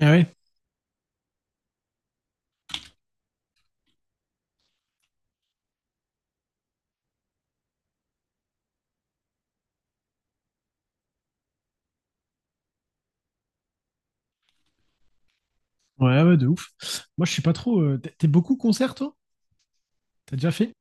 Ah ouais. Ouais, ouais, de ouf. Moi, je suis pas trop. T'es beaucoup concert, toi? T'as déjà fait?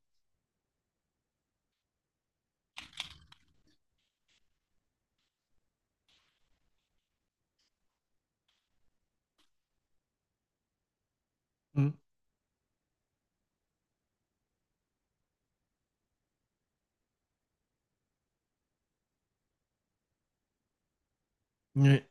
Mm. Ouais.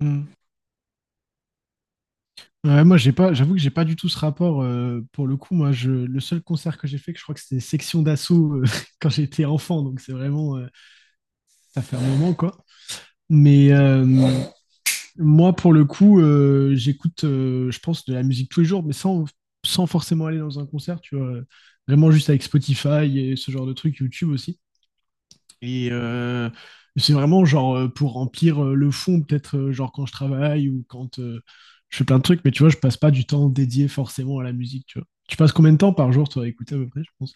Mm. Ouais, moi, j'ai pas. J'avoue que j'ai pas du tout ce rapport, pour le coup. Moi, je, le seul concert que j'ai fait, que je crois que c'était Section d'Assaut quand j'étais enfant. Donc, c'est vraiment. Ça fait un moment, quoi. Mais moi, pour le coup, j'écoute, je pense, de la musique tous les jours, mais sans, sans forcément aller dans un concert, tu vois. Vraiment juste avec Spotify et ce genre de trucs, YouTube aussi. Et c'est vraiment genre pour remplir le fond, peut-être genre quand je travaille ou quand je fais plein de trucs, mais tu vois, je passe pas du temps dédié forcément à la musique, tu vois. Tu passes combien de temps par jour, toi, à écouter à peu près, je pense?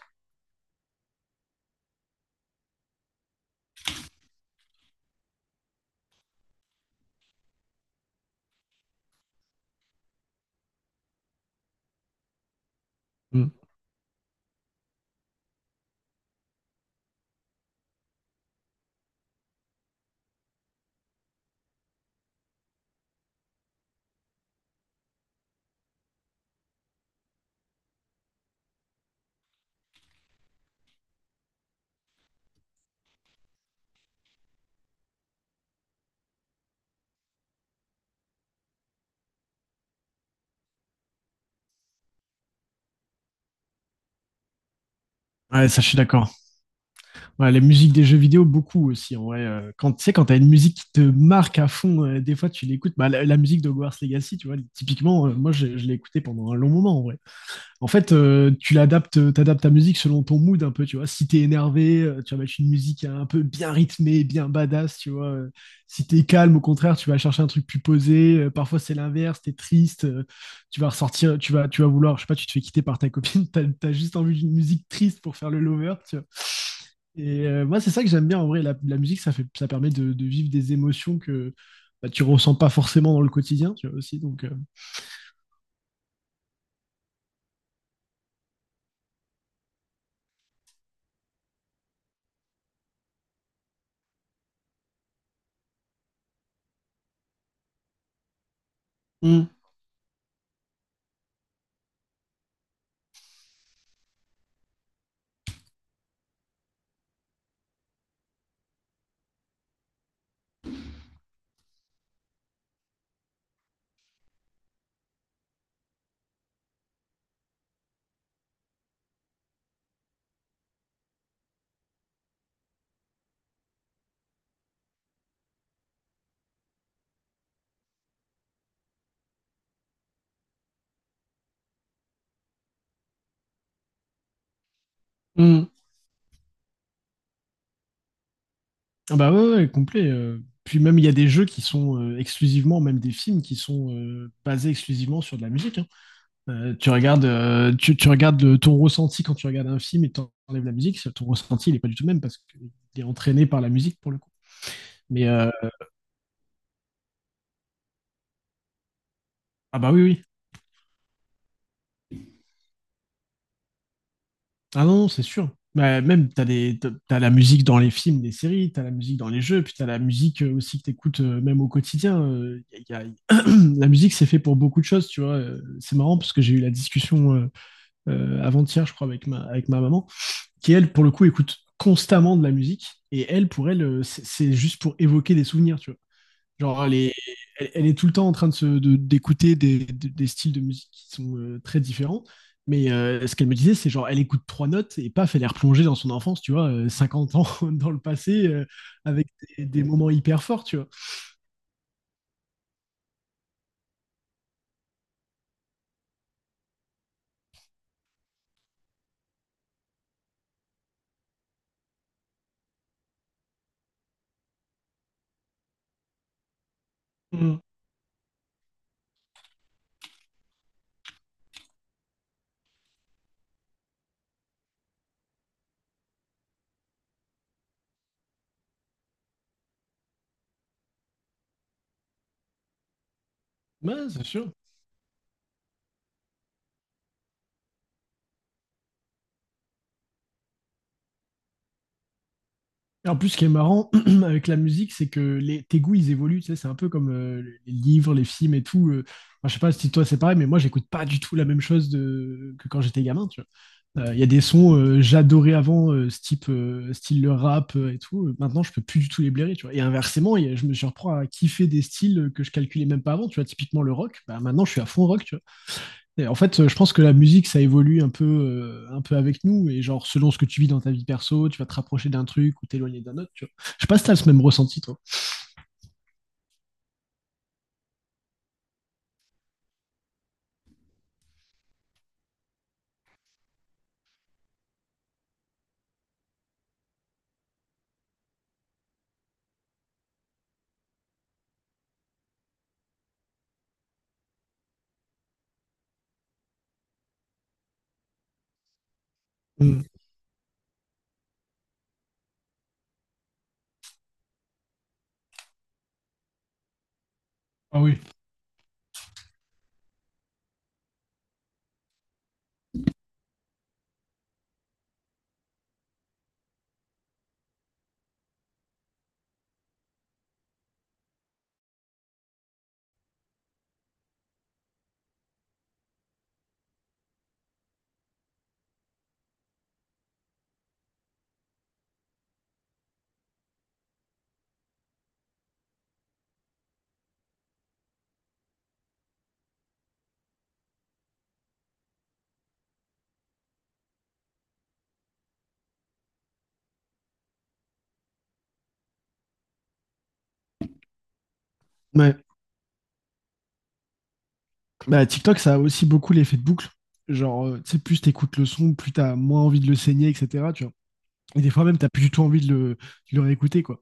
Mm. Ouais, ça, je suis d'accord. Ouais, les musiques des jeux vidéo, beaucoup aussi, en vrai. Quand, tu sais, quand t'as une musique qui te marque à fond, des fois, tu l'écoutes. Bah, la musique de Hogwarts Legacy, tu vois, typiquement, moi, je l'ai écoutée pendant un long moment, en vrai. En fait, tu l'adaptes, t'adaptes ta musique selon ton mood un peu, tu vois. Si t'es énervé, tu vas mettre une musique un peu bien rythmée, bien badass, tu vois. Si t'es calme, au contraire, tu vas chercher un truc plus posé. Parfois, c'est l'inverse, t'es triste, tu vas ressortir, tu vas vouloir, je sais pas, tu te fais quitter par ta copine, t'as, t'as juste envie d'une musique triste pour faire le lover, tu vois. Et moi, c'est ça que j'aime bien en vrai. La musique, ça fait, ça permet de vivre des émotions que bah, tu ressens pas forcément dans le quotidien, tu vois aussi. Donc, mm, mm. Ah bah ouais, ouais, complet. Puis même, il y a des jeux qui sont exclusivement, même des films qui sont basés exclusivement sur de la musique, hein. Tu regardes, tu, tu regardes le- ton ressenti quand tu regardes un film et t'enlèves la musique, ton ressenti, il n'est pas du tout le même parce qu'il est entraîné par la musique pour le coup. Mais ah bah oui, oui. Ah non, non, c'est sûr. Bah, même, t'as des, t'as la musique dans les films, les séries, t'as la musique dans les jeux, puis t'as la musique aussi que t'écoutes même au quotidien. Y a- y a- la musique, c'est fait pour beaucoup de choses, tu vois. C'est marrant parce que j'ai eu la discussion. Avant-hier, je crois, avec ma maman, qui elle, pour le coup, écoute constamment de la musique. Et elle, pour elle, c'est juste pour évoquer des souvenirs, tu vois. Genre, elle est, elle, elle est tout le temps en train de, d'écouter des, de, des, styles de musique qui sont très différents. Mais ce qu'elle me disait, c'est genre, elle écoute trois notes et paf, elle est replongée dans son enfance, tu vois, 50 ans dans le passé, avec des, moments hyper forts, tu vois. Mmh. Ouais, c'est sûr. Et en plus, ce qui est marrant avec la musique, c'est que les, tes goûts, ils évoluent. Tu sais, c'est un peu comme les livres, les films et tout. Enfin, je sais pas si toi c'est pareil, mais moi, j'écoute pas du tout la même chose de- que quand j'étais gamin. Tu vois. Il y a des sons j'adorais avant, ce type, style le rap et tout. Maintenant, je peux plus du tout les blairer. Tu vois. Et inversement, il y a- je me surprends à kiffer des styles que je calculais même pas avant. Tu vois, typiquement le rock. Bah, maintenant, je suis à fond rock. Tu vois. Et en fait, je pense que la musique, ça évolue un peu avec nous. Et genre, selon ce que tu vis dans ta vie perso, tu vas te rapprocher d'un truc ou t'éloigner d'un autre. Tu vois. Je sais pas si t'as ce même ressenti, toi. Mm. Ah oui. Ouais. Bah, TikTok, ça a aussi beaucoup l'effet de boucle. Genre, tu sais, plus t'écoutes le son, plus t'as moins envie de le saigner, etc. Tu vois. Et des fois même, t'as plus du tout envie de le réécouter, quoi.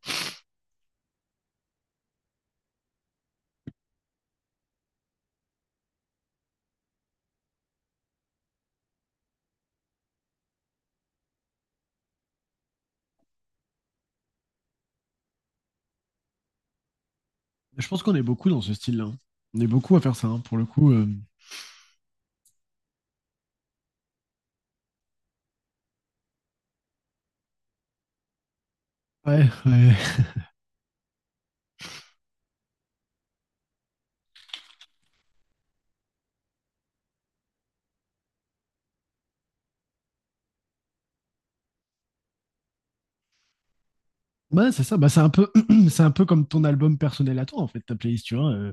Je pense qu'on est beaucoup dans ce style-là, hein. On est beaucoup à faire ça, hein, pour le coup. Ouais, ouais. Bah, c'est ça, bah, c'est un peu, c'est un peu comme ton album personnel à toi, en fait, ta playlist, tu vois.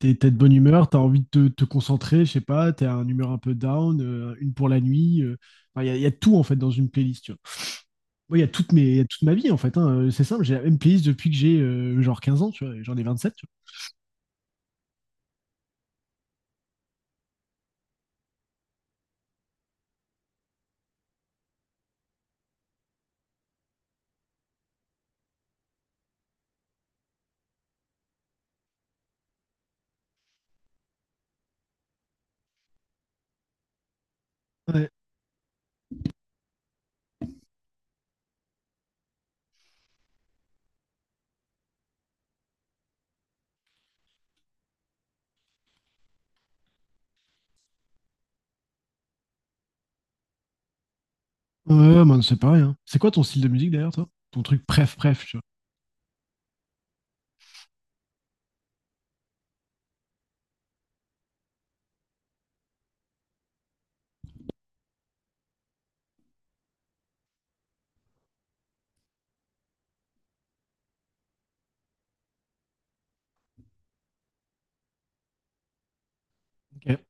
T'es, t'es de bonne humeur, t'as envie de te, te concentrer, je sais pas, t'es à une humeur un peu down, une pour la nuit. Enfin, il y a, il y a tout, en fait, dans une playlist, tu moi, il y a toute, mes, il y a toute ma vie, en fait, hein. C'est simple, j'ai la même playlist depuis que j'ai genre 15 ans, tu vois. Et j'en ai 27, tu vois. Ouais, ouais, ouais, bah, c'est pareil, hein. C'est quoi ton style de musique, d'ailleurs, toi? Ton truc, bref, bref, tu vois. Ok.